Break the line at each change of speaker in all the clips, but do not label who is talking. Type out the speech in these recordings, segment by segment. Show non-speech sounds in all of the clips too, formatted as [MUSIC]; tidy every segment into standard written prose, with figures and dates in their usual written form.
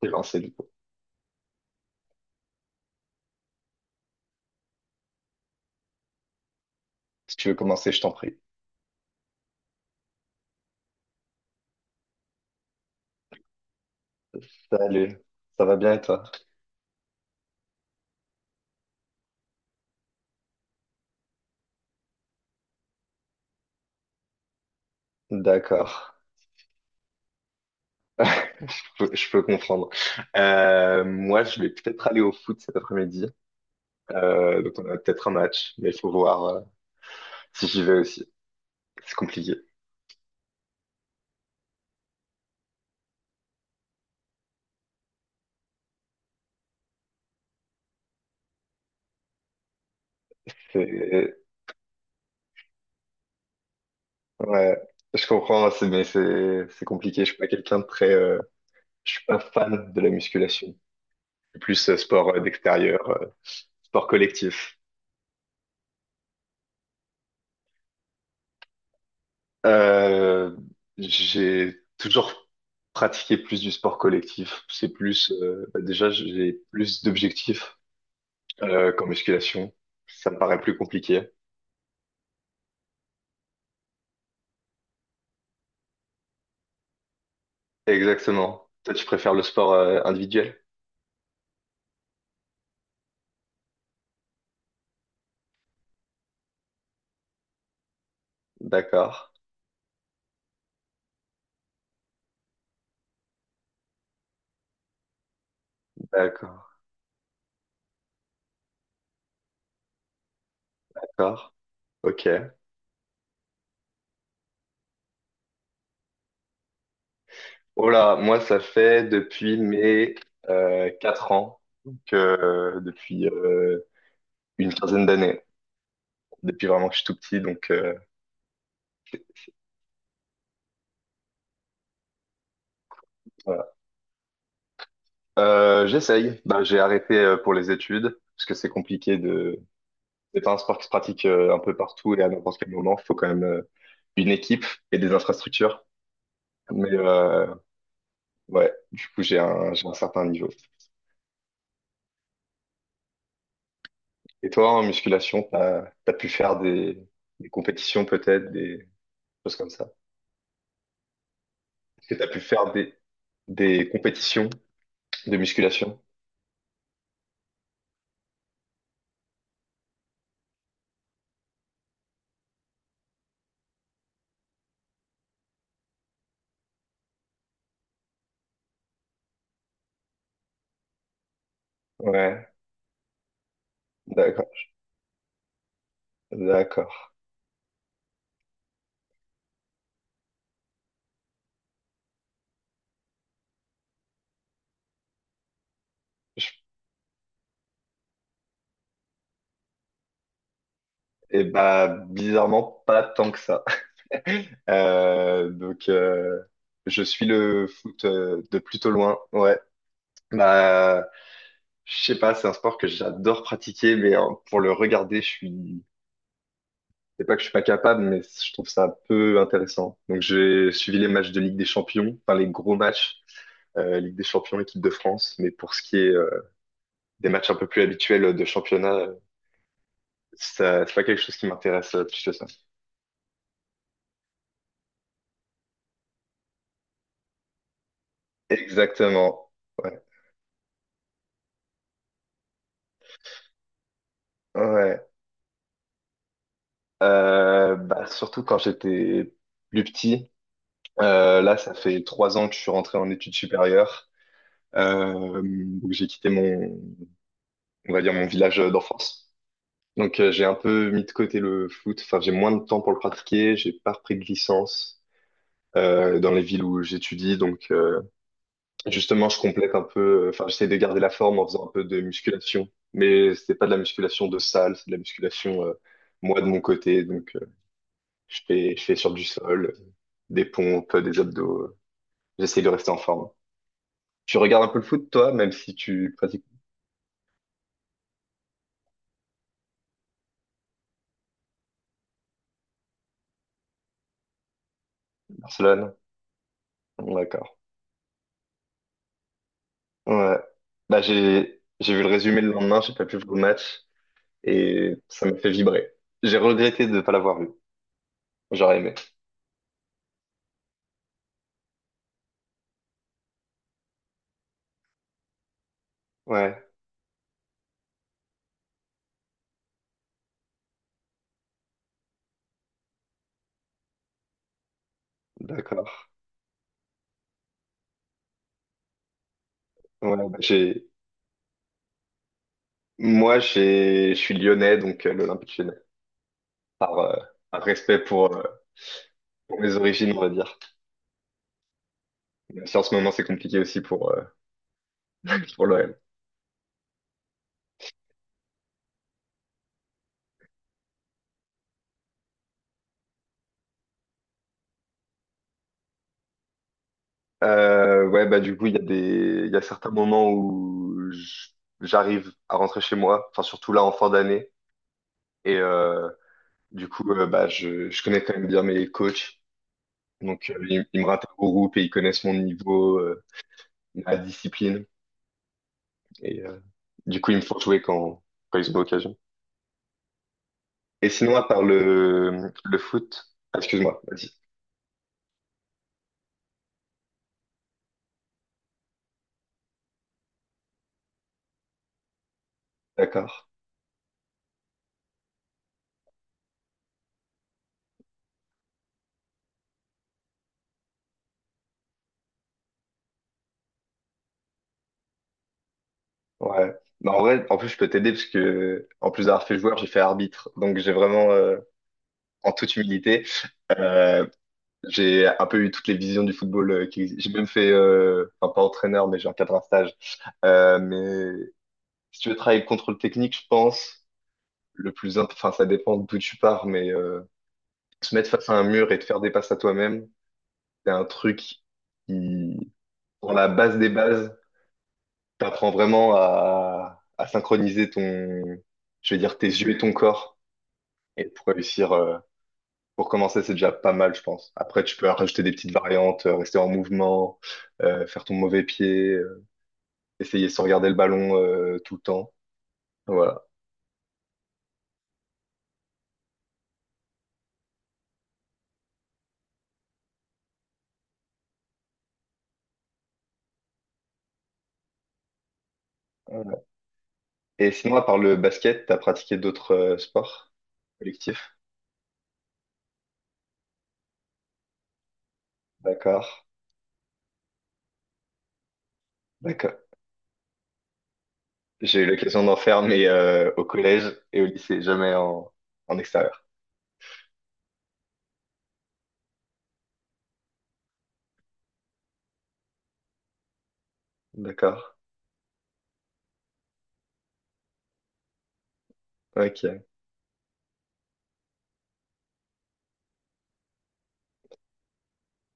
T'es lancé du coup. Si tu veux commencer, je t'en prie. Salut, ça va bien et toi? D'accord. [LAUGHS] je je peux comprendre. Moi, je vais peut-être aller au foot cet après-midi. Donc, on a peut-être un match, mais il faut voir si j'y vais aussi. C'est compliqué. C'est- Ouais, je comprends, mais c'est compliqué. Je suis pas quelqu'un de très. Je suis pas fan de la musculation. Je suis plus sport d'extérieur, sport collectif. Euh, j'ai toujours pratiqué plus du sport collectif. C'est plus, bah déjà, j'ai plus d'objectifs qu'en musculation. Ça me paraît plus compliqué. Exactement. Toi, tu préfères le sport individuel? D'accord, d'accord, d'accord. Ok. Oh là, moi, ça fait depuis mes 4 ans, donc depuis une quinzaine d'années, depuis vraiment que je suis tout petit, donc euh. J'essaye. Ben, j'ai arrêté pour les études parce que c'est compliqué de. C'est pas un sport qui se pratique un peu partout et à n'importe quel moment. Il faut quand même une équipe et des infrastructures. Mais ouais, du coup j'ai un certain niveau. Et toi en musculation, t'as pu faire des compétitions peut-être des choses comme ça. Est-ce que t'as pu faire des compétitions de musculation? Ouais, d'accord, d'accord. Je- Et bah bizarrement pas tant que ça. [LAUGHS] Euh, donc, euh, je suis le foot de plutôt loin. Ouais. Bah, je sais pas, c'est un sport que j'adore pratiquer, mais hein, pour le regarder, je suis. C'est pas que je suis pas capable, mais je trouve ça un peu intéressant. Donc, j'ai suivi les matchs de Ligue des Champions, enfin les gros matchs, Ligue des Champions, équipe de France. Mais pour ce qui est des matchs un peu plus habituels de championnat, ça, c'est pas quelque chose qui m'intéresse plus que ça. Exactement. Ouais. Ouais. Bah, surtout quand j'étais plus petit. Là, ça fait trois ans que je suis rentré en études supérieures. Donc j'ai quitté mon, on va dire mon village d'enfance. Donc j'ai un peu mis de côté le foot. Enfin, j'ai moins de temps pour le pratiquer. J'ai pas repris de licence dans les villes où j'étudie. Donc justement, je complète un peu. Enfin, j'essaie de garder la forme en faisant un peu de musculation. Mais c'est pas de la musculation de salle, c'est de la musculation moi de mon côté. Donc je fais sur du sol. Des pompes, des abdos. J'essaye de rester en forme. Tu regardes un peu le foot, toi, même si tu pratiques. Barcelone? D'accord. Ouais. Bah, j'ai vu le résumé le lendemain, j'ai pas pu voir le match et ça m'a fait vibrer. J'ai regretté de ne pas l'avoir vu. J'aurais aimé. Ouais, d'accord. Ouais, bah, je suis lyonnais, donc l'Olympique lyonnais. Par, euh, par respect pour mes origines, on va dire. Même si en ce moment, c'est compliqué aussi pour l'OL. Ouais, bah du coup, il y a certains moments où j'arrive à rentrer chez moi, enfin surtout là en fin d'année, et bah je connais quand même bien mes coachs, donc ils me rattachent au groupe et ils connaissent mon niveau, ma discipline, et du coup, ils me font jouer quand ils ont l'occasion. Et sinon, à part le foot, ah, excuse-moi, vas-y. D'accord. Ouais. Bah, en vrai, en plus, je peux t'aider parce que en plus d'avoir fait joueur, j'ai fait arbitre, donc j'ai vraiment, en toute humilité. Euh, J'ai un peu eu toutes les visions du football, existent. J'ai même fait, enfin pas entraîneur, mais j'ai encadré un stage. Mais si tu veux travailler contre le contrôle technique, je pense, enfin ça dépend d'où tu pars, mais se mettre face à un mur et te faire des passes à toi-même, c'est un truc qui, dans la base des bases, t'apprends vraiment à synchroniser ton, je vais dire, tes yeux et ton corps, et pour réussir. Pour commencer, c'est déjà pas mal, je pense. Après, tu peux rajouter des petites variantes, rester en mouvement, faire ton mauvais pied, essayer sans regarder le ballon tout le temps. Voilà. Voilà. Et sinon, à part le basket, t'as pratiqué d'autres sports collectifs? D'accord. D'accord. J'ai eu l'occasion d'en faire, mais au collège et au lycée, jamais en extérieur. D'accord. Ok.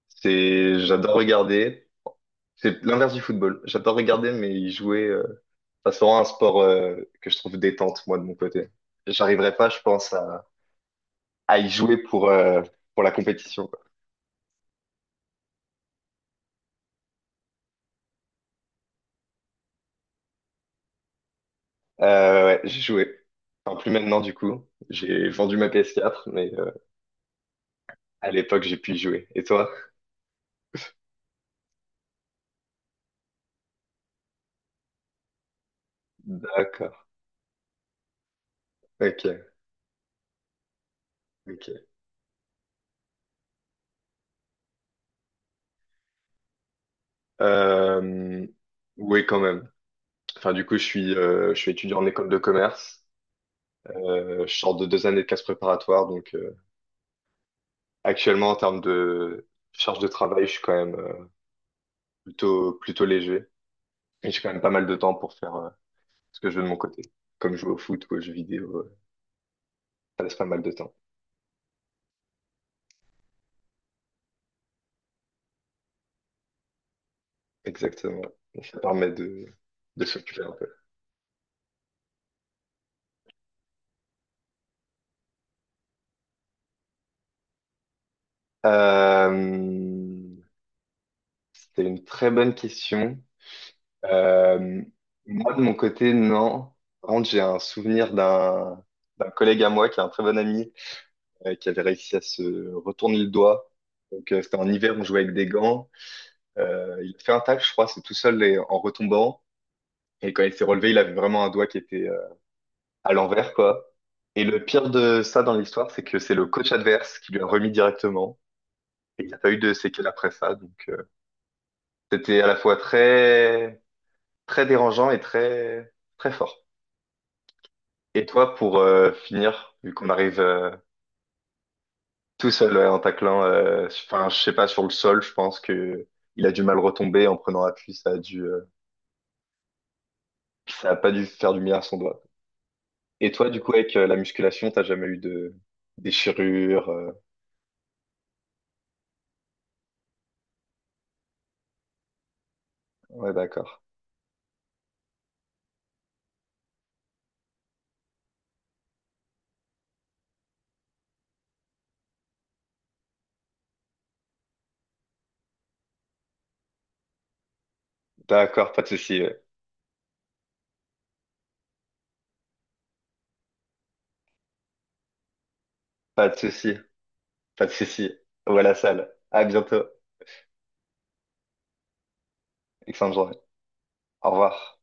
C'est, j'adore regarder. C'est l'inverse du football. J'adore regarder, mais y jouer, euh. Ça sera un sport que je trouve détente, moi, de mon côté. J'arriverai pas, je pense, à y jouer pour la compétition, quoi. Ouais, j'ai joué. Enfin, plus maintenant, du coup. J'ai vendu ma PS4, mais à l'époque, j'ai pu y jouer. Et toi? D'accord. Ok, ok. Euh, oui, quand même. Enfin, du coup, je suis étudiant en école de commerce. Je sors de deux années de classe préparatoire, donc actuellement, en termes de charge de travail, je suis quand même plutôt, plutôt léger. Et j'ai quand même pas mal de temps pour faire, ce que je veux de mon côté. Comme jouer au foot ou aux jeux vidéo, ça laisse pas mal de temps. Exactement. Et ça permet de s'occuper un peu. Euh, C'était une très bonne question. Euh, Moi, de mon côté, non. Par contre, j'ai un souvenir d'un collègue à moi qui est un très bon ami, qui avait réussi à se retourner le doigt. Donc, c'était en hiver, on jouait avec des gants. Il a fait un tacle, je crois, c'est tout seul et en retombant. Et quand il s'est relevé, il avait vraiment un doigt qui était à l'envers, quoi. Et le pire de ça dans l'histoire, c'est que c'est le coach adverse qui lui a remis directement. Et il n'y a pas eu de séquelles après ça. Donc, c'était à la fois très, très dérangeant et très, très fort. Et toi, pour finir, vu qu'on arrive euh. Tout seul ouais, en taclant, enfin, je sais pas, sur le sol, je pense que il a dû mal retomber en prenant appui. Ça a dû, ça a pas dû faire du bien à son doigt. Et toi, du coup, avec la musculation, t'as jamais eu de déchirure? Euh. Ouais, d'accord. D'accord, pas de souci. Euh. Pas de souci, pas de souci. Voilà la salle. À bientôt. Excellente journée. Au revoir.